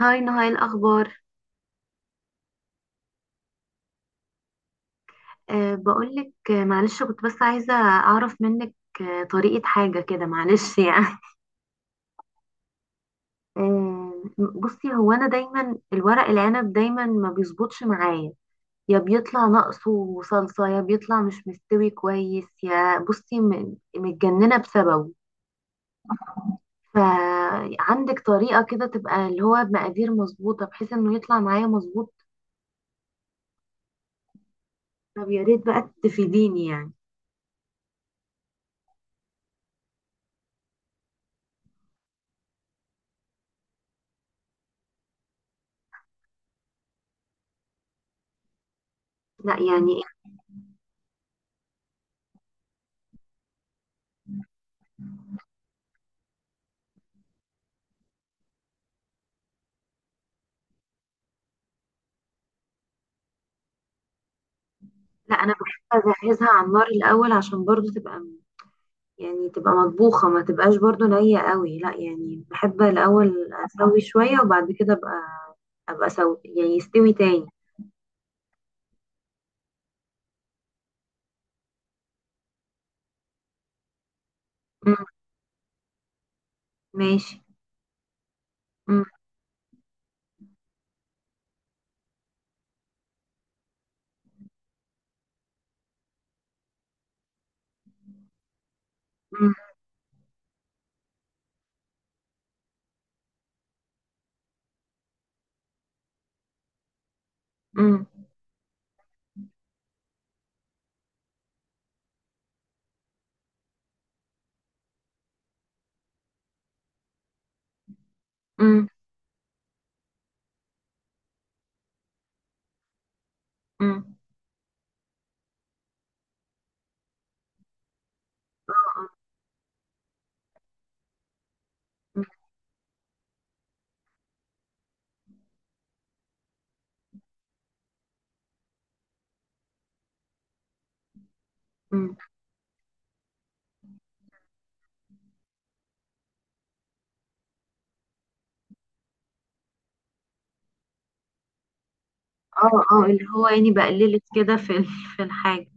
هاي نهاي الأخبار. بقولك، معلش، كنت بس عايزة أعرف منك طريقة حاجة كده، معلش يعني أه بصي، هو أنا دايما الورق العنب دايما ما بيظبطش معايا. يا بيطلع ناقصه صلصة، يا بيطلع مش مستوي كويس، يا بصي متجننة بسببه. فعندك طريقة كده تبقى اللي هو بمقادير مظبوطة، بحيث إنه يطلع معايا مظبوط؟ طب يا ريت بقى تفيديني يعني. لا يعني. لا، انا بحب اجهزها على النار الاول عشان برضو تبقى، يعني تبقى مطبوخه، ما تبقاش برضو نيه قوي. لا يعني، بحب الاول اسوي شويه، وبعد كده ابقى اسوي يعني يستوي تاني. مم. ماشي. مم. مم. مم. مم. مم. مم. اه اه، اللي هو يعني بقللت كده في في الحاجه.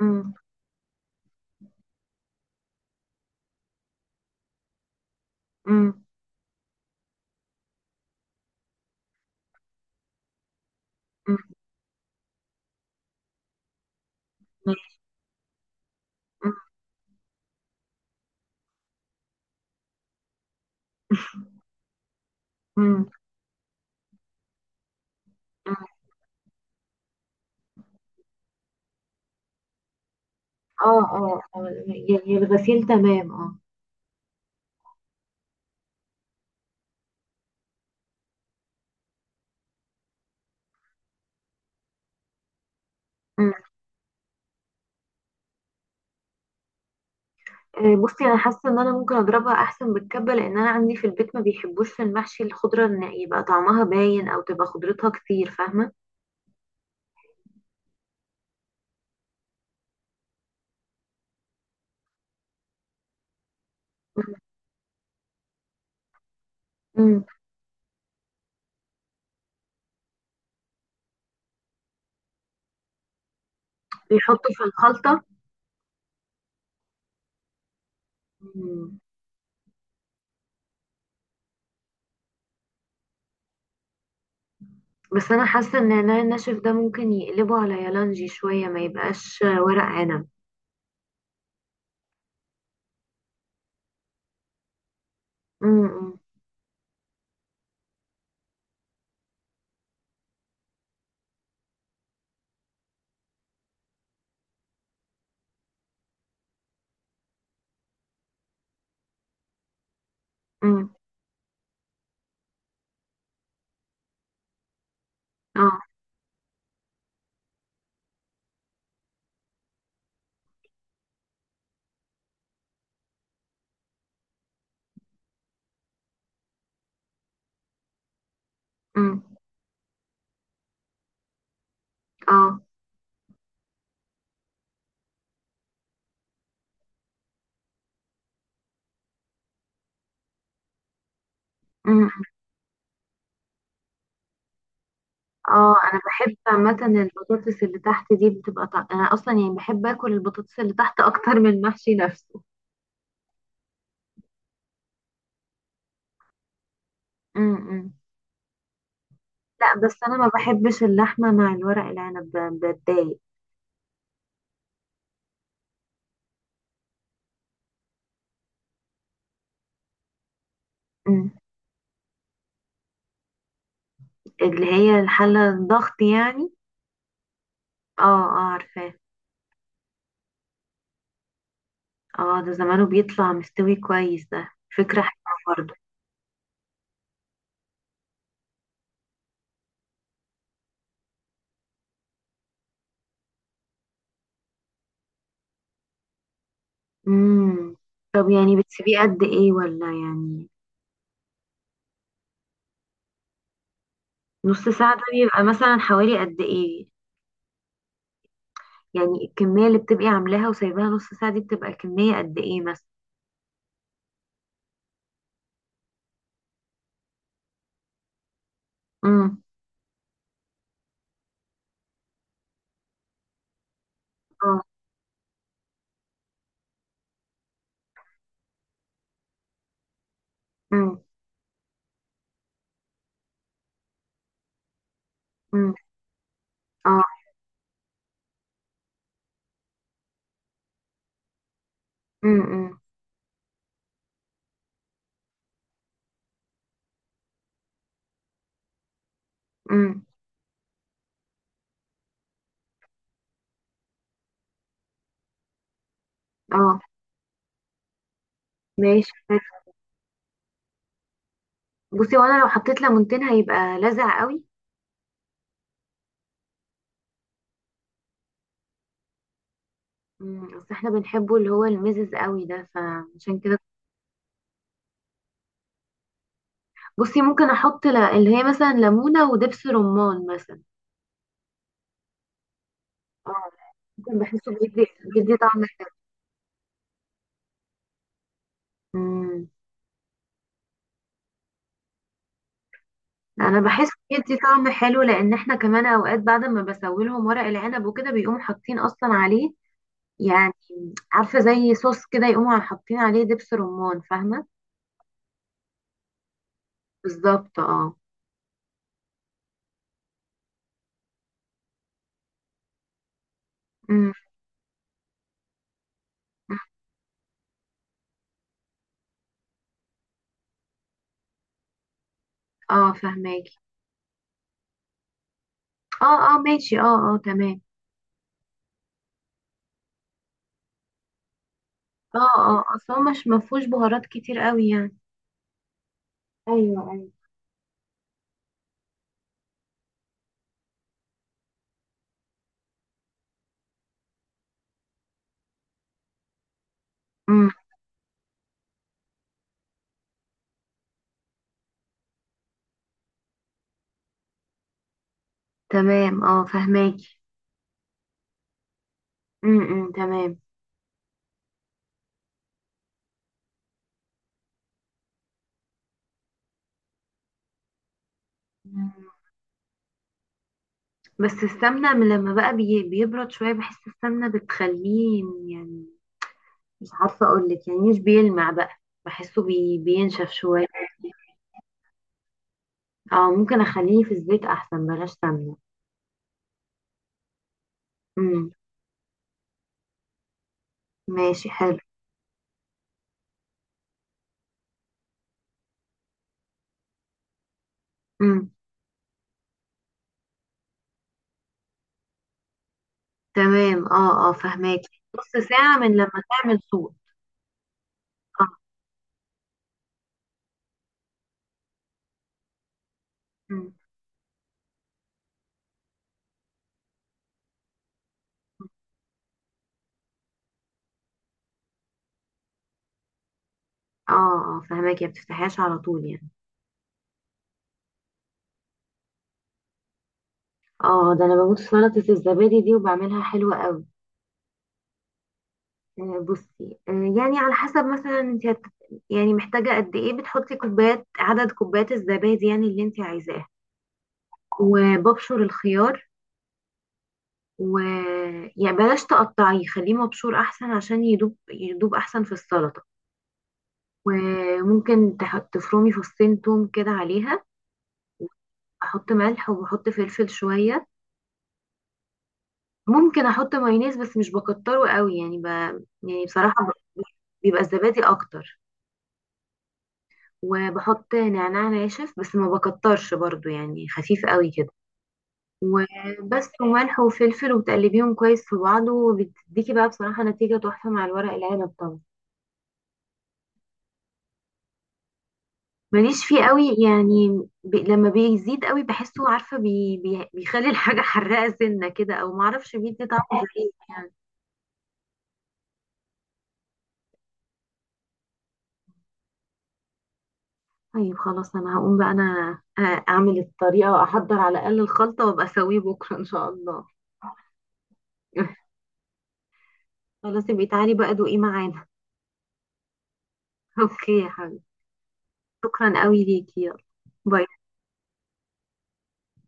مم. مم. مم. ماشي. مم. مم. اه اه آه، يعني الغسيل تمام، اه. بصي، انا حاسه ان انا ممكن اضربها احسن بالكبه، لان انا عندي في البيت ما بيحبوش في المحشي الخضره ان يبقى طعمها باين او تبقى خضرتها كتير، فاهمه؟ امم. بيحطوا في الخلطه. مم. بس انا حاسه ان النعناع الناشف ده ممكن يقلبه على يالانجي شويه، ما يبقاش ورق عنب. امم. امم. اه. امم. اه. مم. اه، انا بحب عامه البطاطس اللي تحت دي بتبقى انا اصلا يعني بحب اكل البطاطس اللي تحت اكتر من المحشي نفسه. امم. لا، بس انا ما بحبش اللحمه مع الورق العنب، بتضايق. أمم. اللي هي الحله الضغط يعني؟ اه. اه عارفاه. اه، ده زمانه بيطلع مستوي كويس ده. فكره حلوه برضه. امم. طب يعني بتسيبيه قد ايه ولا يعني؟ نص ساعه ده بيبقى مثلا حوالي قد ايه؟ يعني الكميه اللي بتبقي عاملاها وسايباها نص ساعه دي بتبقى كميه قد ايه مثلا؟ امم. اه. امم. امم. اه. امم. امم. أمم. اه. ماشي. بصي، وانا لو حطيت ليمونتين هيبقى لذع قوي؟ مم، بس احنا بنحبه اللي هو المزز قوي ده، فعشان كده. بصي، ممكن احط اللي هي مثلا ليمونة ودبس رمان مثلا. اه، ممكن. بحسه بيدي طعم حلو. مم. انا بحس بيدي طعم حلو، لان احنا كمان اوقات بعد ما بسوي لهم ورق العنب وكده بيقوموا حاطين اصلا عليه يعني. عارفة زي صوص كده يقوموا حاطين عليه دبس رمان، فاهمة؟ بالظبط، اه. مم. اه فهماكي. اه اه ماشي. اه اه تمام. اه اه، اصل هو مش مفهوش بهارات كتير قوي يعني. ايوه ايوه. امم تمام. اه فهماكي. تمام. مم. بس السمنة من لما بقى بيبرد شوية بحس السمنة بتخليه يعني، مش عارفة اقولك، يعني مش بيلمع بقى. بحسه بينشف شوية. اه، ممكن اخليه في الزيت احسن، بلاش سمنة. امم. ماشي، حلو. امم تمام. اه اه فهماكي، نص ساعة من لما تعمل صوت. اه. امم اه اه فهماكي، ما بتفتحيهاش على طول يعني. اه، ده انا بموت في سلطة الزبادي دي، وبعملها حلوة قوي. بصي، يعني على حسب مثلا انت يعني محتاجة قد ايه، بتحطي كوبايات عدد كوبايات الزبادي يعني اللي انت عايزاه. وببشر الخيار. و يعني بلاش تقطعيه، خليه مبشور احسن عشان يدوب يدوب احسن في السلطة. وممكن تفرمي فصين توم كده عليها. احط ملح وبحط فلفل شوية. ممكن احط مايونيز بس مش بكتره قوي، يعني يعني بصراحة بيبقى الزبادي اكتر. وبحط نعناع ناشف بس ما بكترش برضو، يعني خفيف قوي كده. وبس، وملح وفلفل، وبتقلبيهم كويس في بعض، وبتديكي بقى بصراحة نتيجة تحفة مع الورق العنب طبعا. ماليش فيه قوي يعني، لما بيزيد قوي بحسه، عارفة، بي بي بيخلي الحاجة حراقة سنة كده، او معرفش بيدي طعم غريب يعني. طيب خلاص، انا هقوم بقى، انا اعمل الطريقة واحضر على الاقل الخلطة، وابقى اسويه بكرة ان شاء الله. خلاص، يبقى تعالي بقى دوقي معانا. اوكي يا حبيبي، شكرا قوي ليكي، يلا باي.